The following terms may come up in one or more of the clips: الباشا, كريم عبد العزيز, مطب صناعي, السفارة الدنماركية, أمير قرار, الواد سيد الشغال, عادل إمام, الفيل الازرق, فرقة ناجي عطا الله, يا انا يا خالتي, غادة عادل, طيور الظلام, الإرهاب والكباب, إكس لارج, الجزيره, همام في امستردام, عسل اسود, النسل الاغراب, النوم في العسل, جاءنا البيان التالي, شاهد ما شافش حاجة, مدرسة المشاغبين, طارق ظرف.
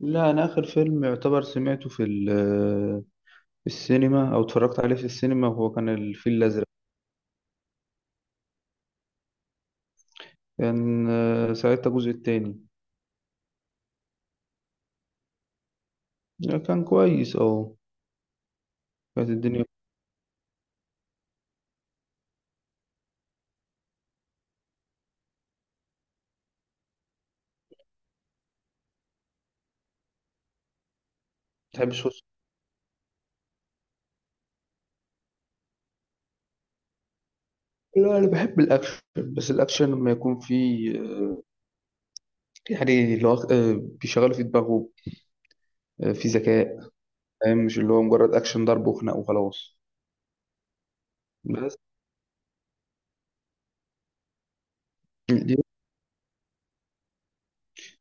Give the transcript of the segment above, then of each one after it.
لا انا اخر فيلم يعتبر سمعته في السينما او اتفرجت عليه في السينما هو كان الفيل الازرق. كان ساعتها الجزء التاني. لا، كان كويس اه. كانت الدنيا ما بتحبش وص- لا انا بحب الاكشن، بس الاكشن لما يكون فيه يعني اللي هو بيشغله في دماغه، في ذكاء. فاهم، مش اللي هو مجرد اكشن ضرب وخناق وخلاص. بس دي-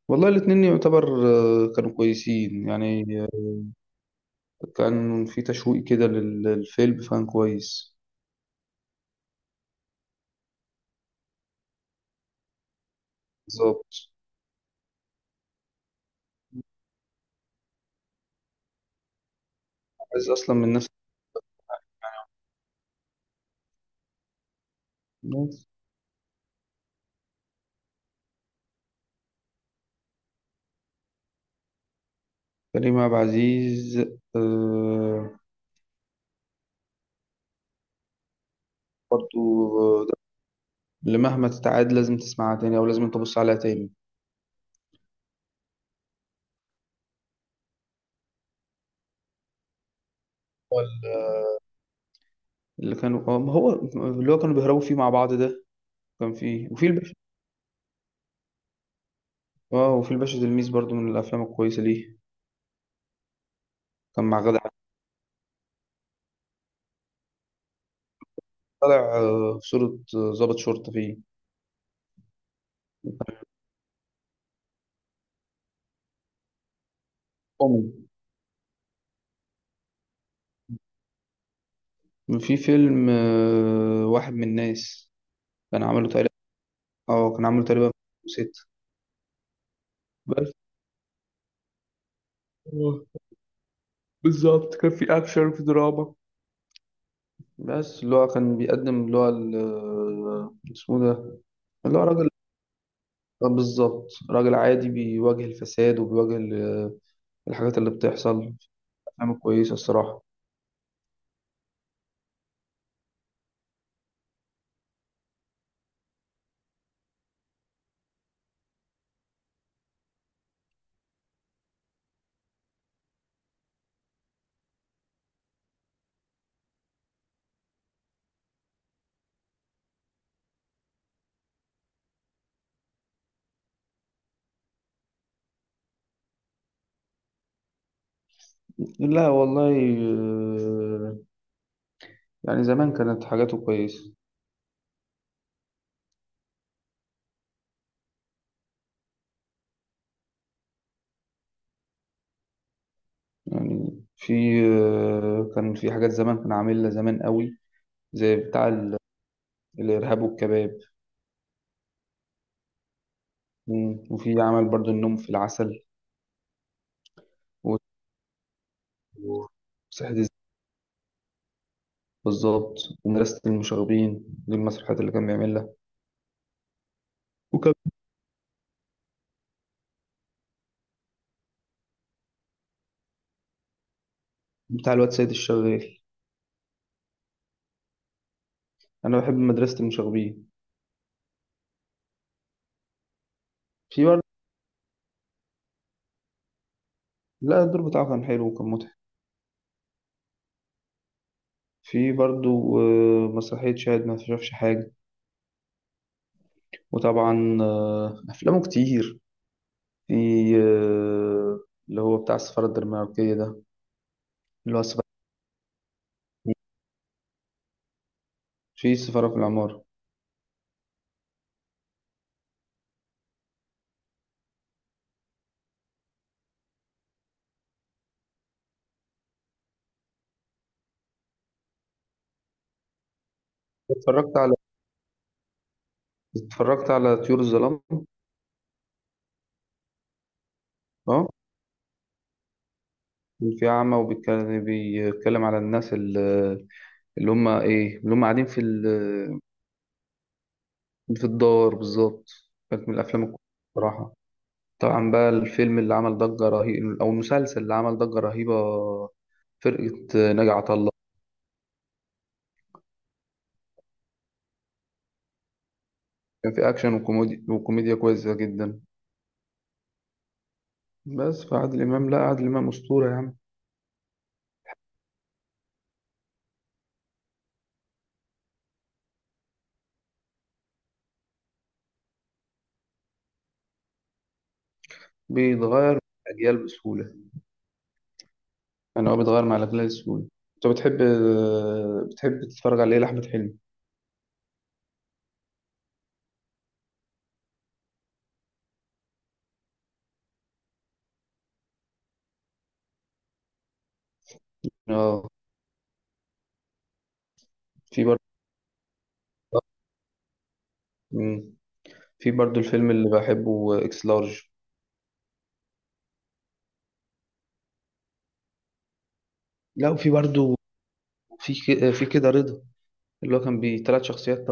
والله الاتنين يعتبر كانوا كويسين يعني، كان في تشويق كده للفيلم فكان كويس. بالظبط، عايز اصلا من نفس الناس. كريم عبد العزيز آه. برضو ده اللي مهما تتعاد لازم تسمعها تاني او لازم تبص عليها تاني. ولا اللي كانوا ما هو اللي هو كانوا بيهربوا فيه مع بعض ده. كان فيه وفي الباشا. اه، وفي الباشا تلميذ برضو من الافلام الكويسه ليه. كان مع غادة عادل. طالع في صورة ضابط شرطة فيه. كوميدي. في فيلم واحد من الناس. كان عامله تقريبا. اه كان عامله تقريبا ست. بس آه، بالظبط كان في اكشن وفي دراما. بس اللي هو كان بيقدم اللي هو اسمه ده اللي هو راجل، بالظبط راجل عادي بيواجه الفساد وبيواجه الحاجات اللي بتحصل. أفلام كويسة الصراحة. لا والله، آه، يعني زمان كانت حاجاته كويسة. يعني في، كان في حاجات زمان كان عاملها زمان قوي، زي الإرهاب والكباب. وفي عمل برضو النوم في العسل، و- وصحة الز- بالظبط. ومدرسة المشاغبين دي المسرحيات اللي كان بيعملها. وكان بتاع الواد سيد الشغال. انا بحب مدرسة المشاغبين. في برضه. لا الدور بتاعه كان حلو وكان مضحك. في برضه مسرحية شاهد ما شافش حاجة. وطبعا أفلامه كتير. في آه، اللي هو بتاع السفارة الدنماركية ده. اللي هو السفارة، في السفارة في العمارة. اتفرجت على، اتفرجت على طيور الظلام. اه، كان في أعمى وبيتكلم، بيتكلم على الناس اللي هم إيه، اللي هم قاعدين في في الدار بالظبط. كانت من الأفلام الكويسة بصراحة. طبعا بقى الفيلم اللي عمل ضجة رهيبة، أو المسلسل اللي عمل ضجة رهيبة، فرقة ناجي عطا الله. كان في أكشن وكوميديا، وكوميديا كويسة جدا. بس فعادل إمام، لا عادل إمام أسطورة يا عم. بيتغير مع الأجيال بسهولة. يعني هو بيتغير مع الأجيال بسهولة. أنت بتحب بتحب تتفرج على إيه لأحمد حلمي؟ آه. في برضه. مم. في برضه الفيلم اللي بحبه إكس لارج. لا وفي برضه، في كده رضا اللي هو كان بيه تلات شخصيات.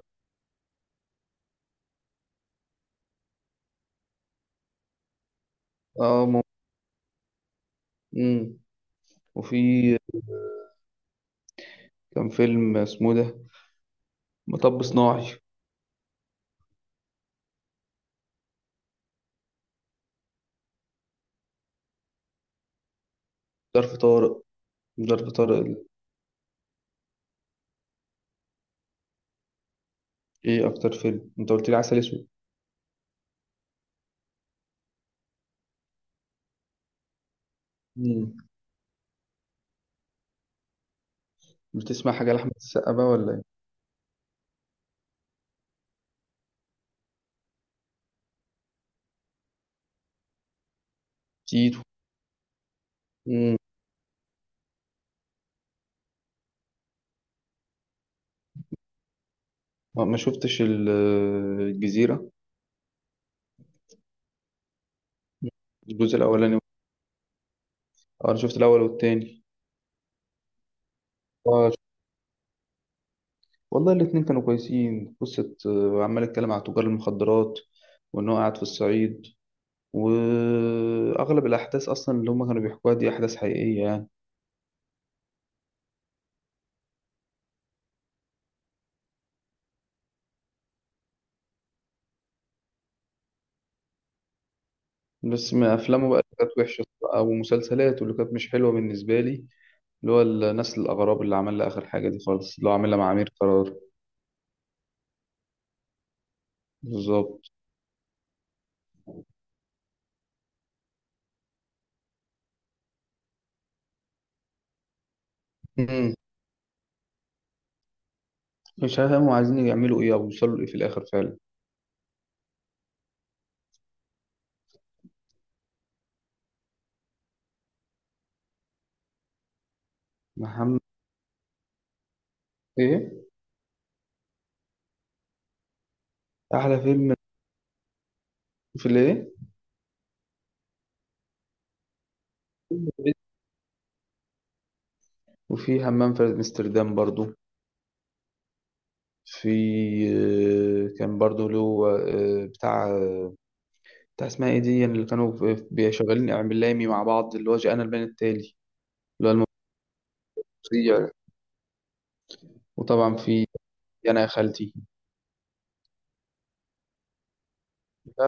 اه. مم. وفي، كان فيلم اسمه ده مطب صناعي. ظرف طارق. ظرف طارق. ايه اكتر فيلم، انت قلت لي عسل اسود. مم. بتسمع حاجه لاحمد السقا بقى ولا ايه؟ تيتو. مم. ما ما شفتش ال- الجزيره. مم. الجزء الاولاني. اه انا شفت الاول والتاني. اه شفت، والله الاتنين كانوا كويسين. قصه عمال اتكلم على تجار المخدرات، وان هو قاعد في الصعيد. واغلب الاحداث اصلا اللي هم كانوا بيحكوها دي احداث حقيقيه يعني. بس ما افلامه بقى اللي كانت وحشه، او مسلسلاته اللي كانت مش حلوه بالنسبه لي، اللي هو النسل الاغراب اللي عملها اخر حاجه دي خالص، اللي هو عاملها مع امير قرار. بالظبط. مم. مش هفهم عايزين يعملوا ايه او يوصلوا لايه في الاخر فعلا. محمد، ايه احلى فيلم في الايه؟ وفي همام في امستردام برضو. في كان برضو له آه، بتاع آه، بتاع اسمها ايه دي، يعني اللي كانوا شغالين اعلامي مع بعض، اللي هو جاءنا البيان التالي اللي هو المفضل. وطبعا في يا انا يا خالتي. لا،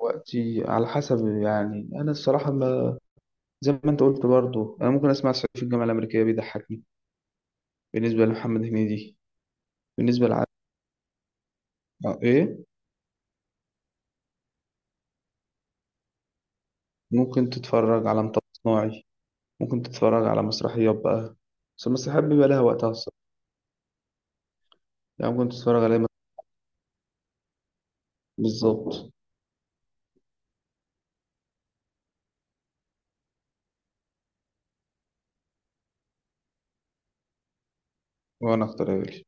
وقتي على حسب يعني. انا الصراحه ما، زي ما انت قلت برضو، انا ممكن اسمع صعيدي في الجامعه الامريكيه، بيضحكني بالنسبه لمحمد هنيدي. بالنسبه لع... ايه، ممكن تتفرج على مطب صناعي، ممكن تتفرج على مسرحيات بقى. بس المسرحيات بيبقى لها وقتها الصراحه، يعني ممكن تتفرج عليها. بالظبط. وانا اختار ايه؟